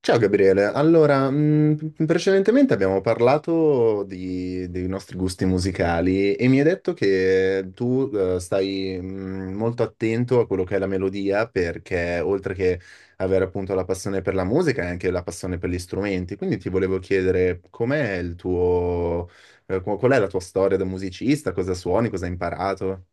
Ciao Gabriele, allora, precedentemente abbiamo parlato dei nostri gusti musicali e mi hai detto che tu stai molto attento a quello che è la melodia perché oltre che avere appunto la passione per la musica hai anche la passione per gli strumenti, quindi ti volevo chiedere com'è il tuo, qual è la tua storia da musicista, cosa suoni, cosa hai imparato?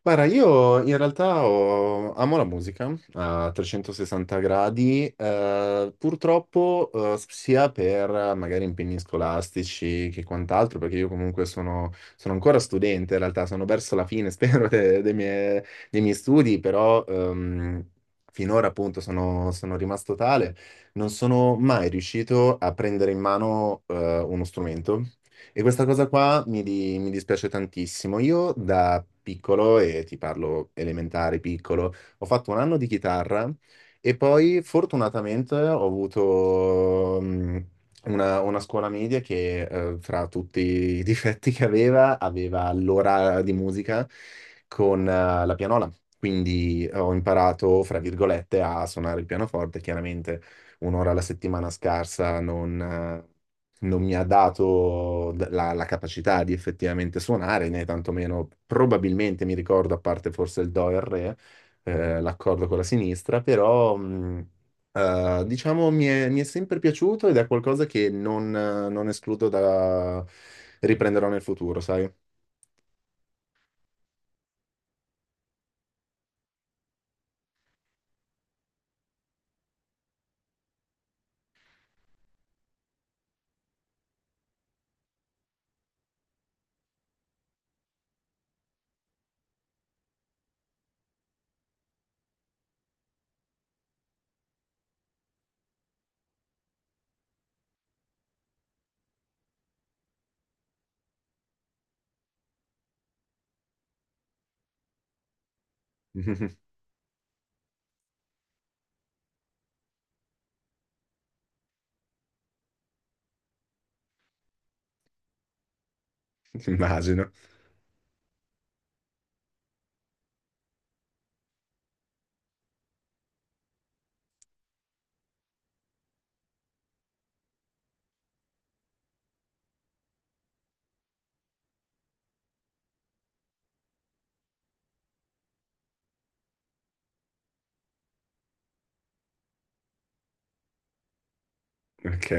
Guarda, io in realtà amo la musica a 360 gradi, purtroppo sia per magari impegni scolastici che quant'altro, perché io comunque sono ancora studente, in realtà sono verso la fine, spero, dei miei studi, però finora appunto sono rimasto tale, non sono mai riuscito a prendere in mano uno strumento e questa cosa qua mi dispiace tantissimo. Io da piccolo, e ti parlo elementare, piccolo, ho fatto un anno di chitarra e poi fortunatamente ho avuto una scuola media che, fra tutti i difetti che aveva, aveva l'ora di musica con, la pianola. Quindi ho imparato, fra virgolette, a suonare il pianoforte, chiaramente un'ora alla settimana scarsa, eh, non mi ha dato la capacità di effettivamente suonare, né tantomeno probabilmente mi ricordo, a parte forse il Do e il Re, l'accordo con la sinistra, però diciamo mi è sempre piaciuto ed è qualcosa che non escludo da riprenderò nel futuro, sai? Immagino. Ok,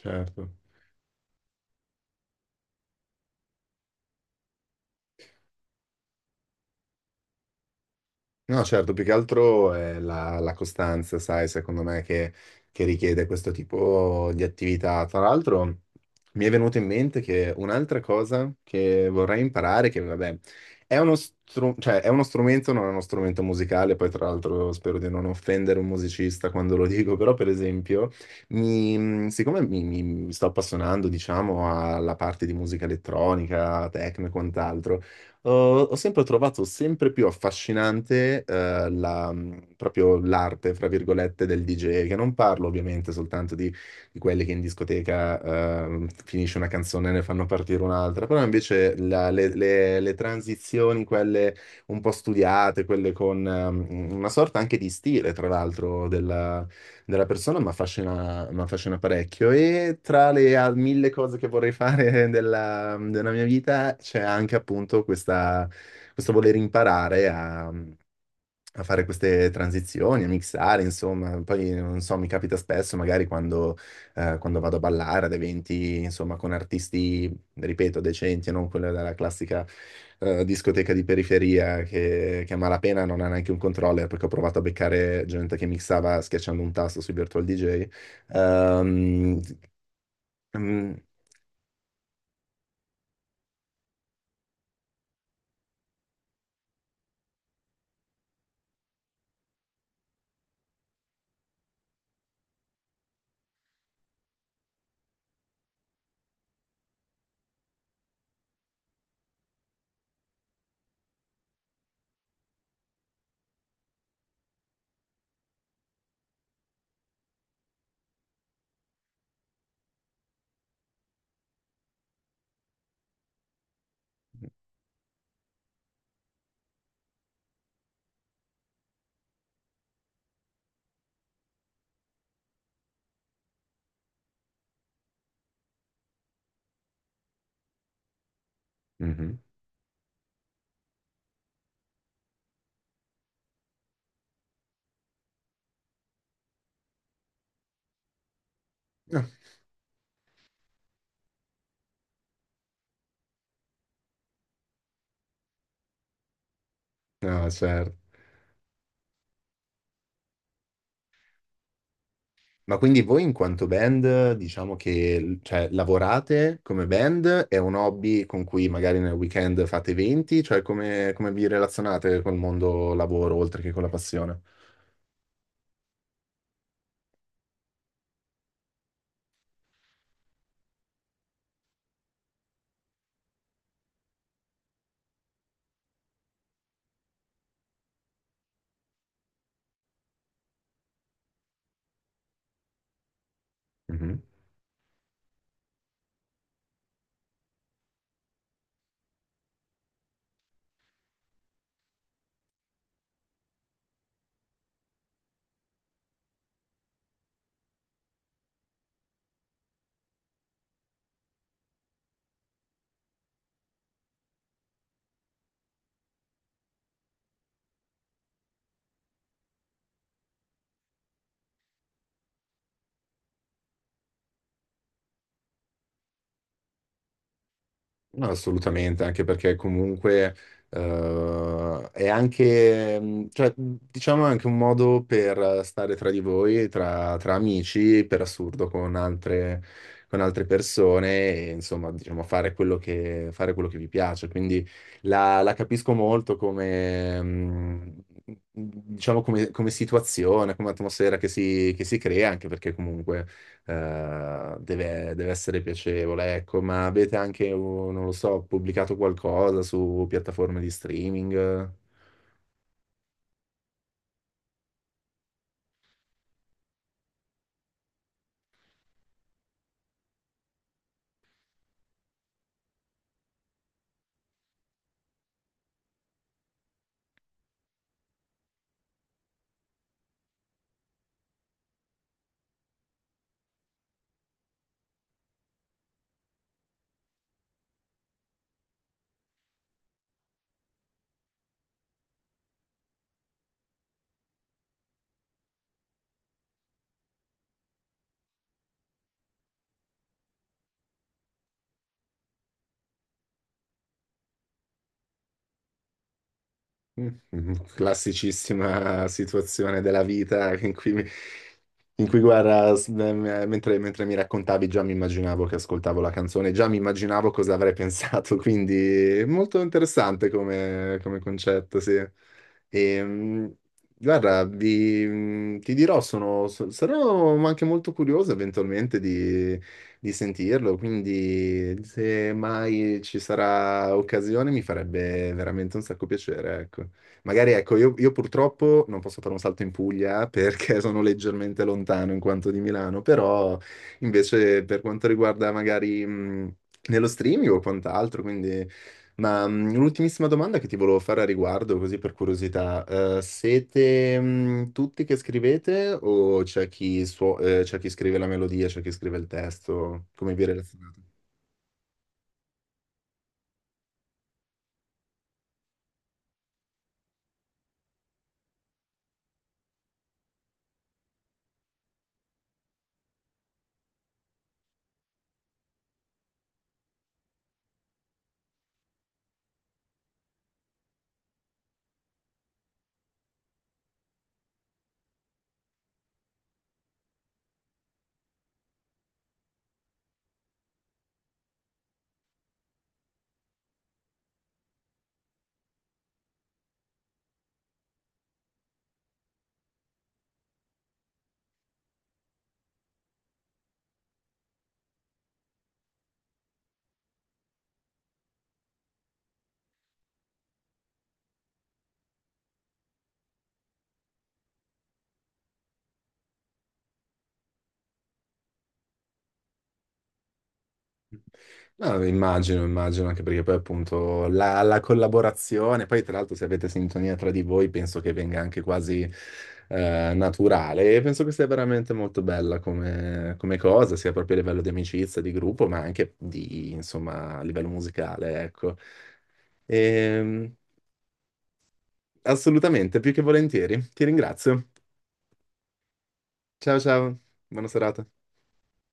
certo. No, certo, più che altro è la costanza, sai, secondo me che richiede questo tipo di attività. Tra l'altro, mi è venuto in mente che un'altra cosa che vorrei imparare, che vabbè, cioè, è uno strumento, non è uno strumento musicale, poi tra l'altro spero di non offendere un musicista quando lo dico, però per esempio, siccome mi sto appassionando, diciamo, alla parte di musica elettronica, techno e quant'altro, ho sempre trovato sempre più affascinante, proprio l'arte, fra virgolette, del DJ, che non parlo ovviamente soltanto di quelli che in discoteca, finisce una canzone e ne fanno partire un'altra, però invece le transizioni, quelle un po' studiate, quelle con, una sorta anche di stile, tra l'altro, della persona, mi affascina parecchio. E tra le mille cose che vorrei fare della mia vita c'è anche appunto questo voler imparare a fare queste transizioni, a mixare, insomma, poi non so, mi capita spesso magari quando vado a ballare ad eventi, insomma, con artisti, ripeto, decenti e non quella della classica discoteca di periferia che a malapena non ha neanche un controller perché ho provato a beccare gente che mixava schiacciando un tasto sui Virtual DJ. Ehm, mm, mhm. No, no, certo. Ma quindi voi in quanto band, diciamo che cioè, lavorate come band, è un hobby con cui magari nel weekend fate eventi, cioè come vi relazionate col mondo lavoro oltre che con la passione? No, assolutamente, anche perché comunque è anche, cioè, diciamo, è anche un modo per stare tra di voi, tra amici, per assurdo, con altre persone e, insomma, diciamo, fare quello che vi piace. Quindi la capisco molto come, diciamo, come situazione, come atmosfera che si crea, anche perché comunque deve essere piacevole, ecco, ma avete anche, oh, non lo so, pubblicato qualcosa su piattaforme di streaming? Classicissima situazione della vita in cui, guarda, mentre mi raccontavi già mi immaginavo che ascoltavo la canzone, già mi immaginavo cosa avrei pensato, quindi molto interessante come concetto, sì. E, guarda, ti dirò, sarò anche molto curioso eventualmente di sentirlo, quindi se mai ci sarà occasione mi farebbe veramente un sacco piacere, ecco. Magari ecco, io purtroppo non posso fare un salto in Puglia perché sono leggermente lontano in quanto di Milano, però invece per quanto riguarda magari nello streaming o quant'altro. Ma l'ultimissima domanda che ti volevo fare a riguardo, così per curiosità, siete tutti che scrivete o c'è chi scrive la melodia, c'è chi scrive il testo? Come vi relazionate? No, immagino, immagino, anche perché poi appunto la collaborazione, poi tra l'altro se avete sintonia tra di voi penso che venga anche quasi naturale e penso che sia veramente molto bella come cosa, sia proprio a livello di amicizia, di gruppo, ma anche di, insomma, a livello musicale, ecco. Ehm, Assolutamente, più che volentieri. Ti ringrazio. Ciao ciao, buona serata.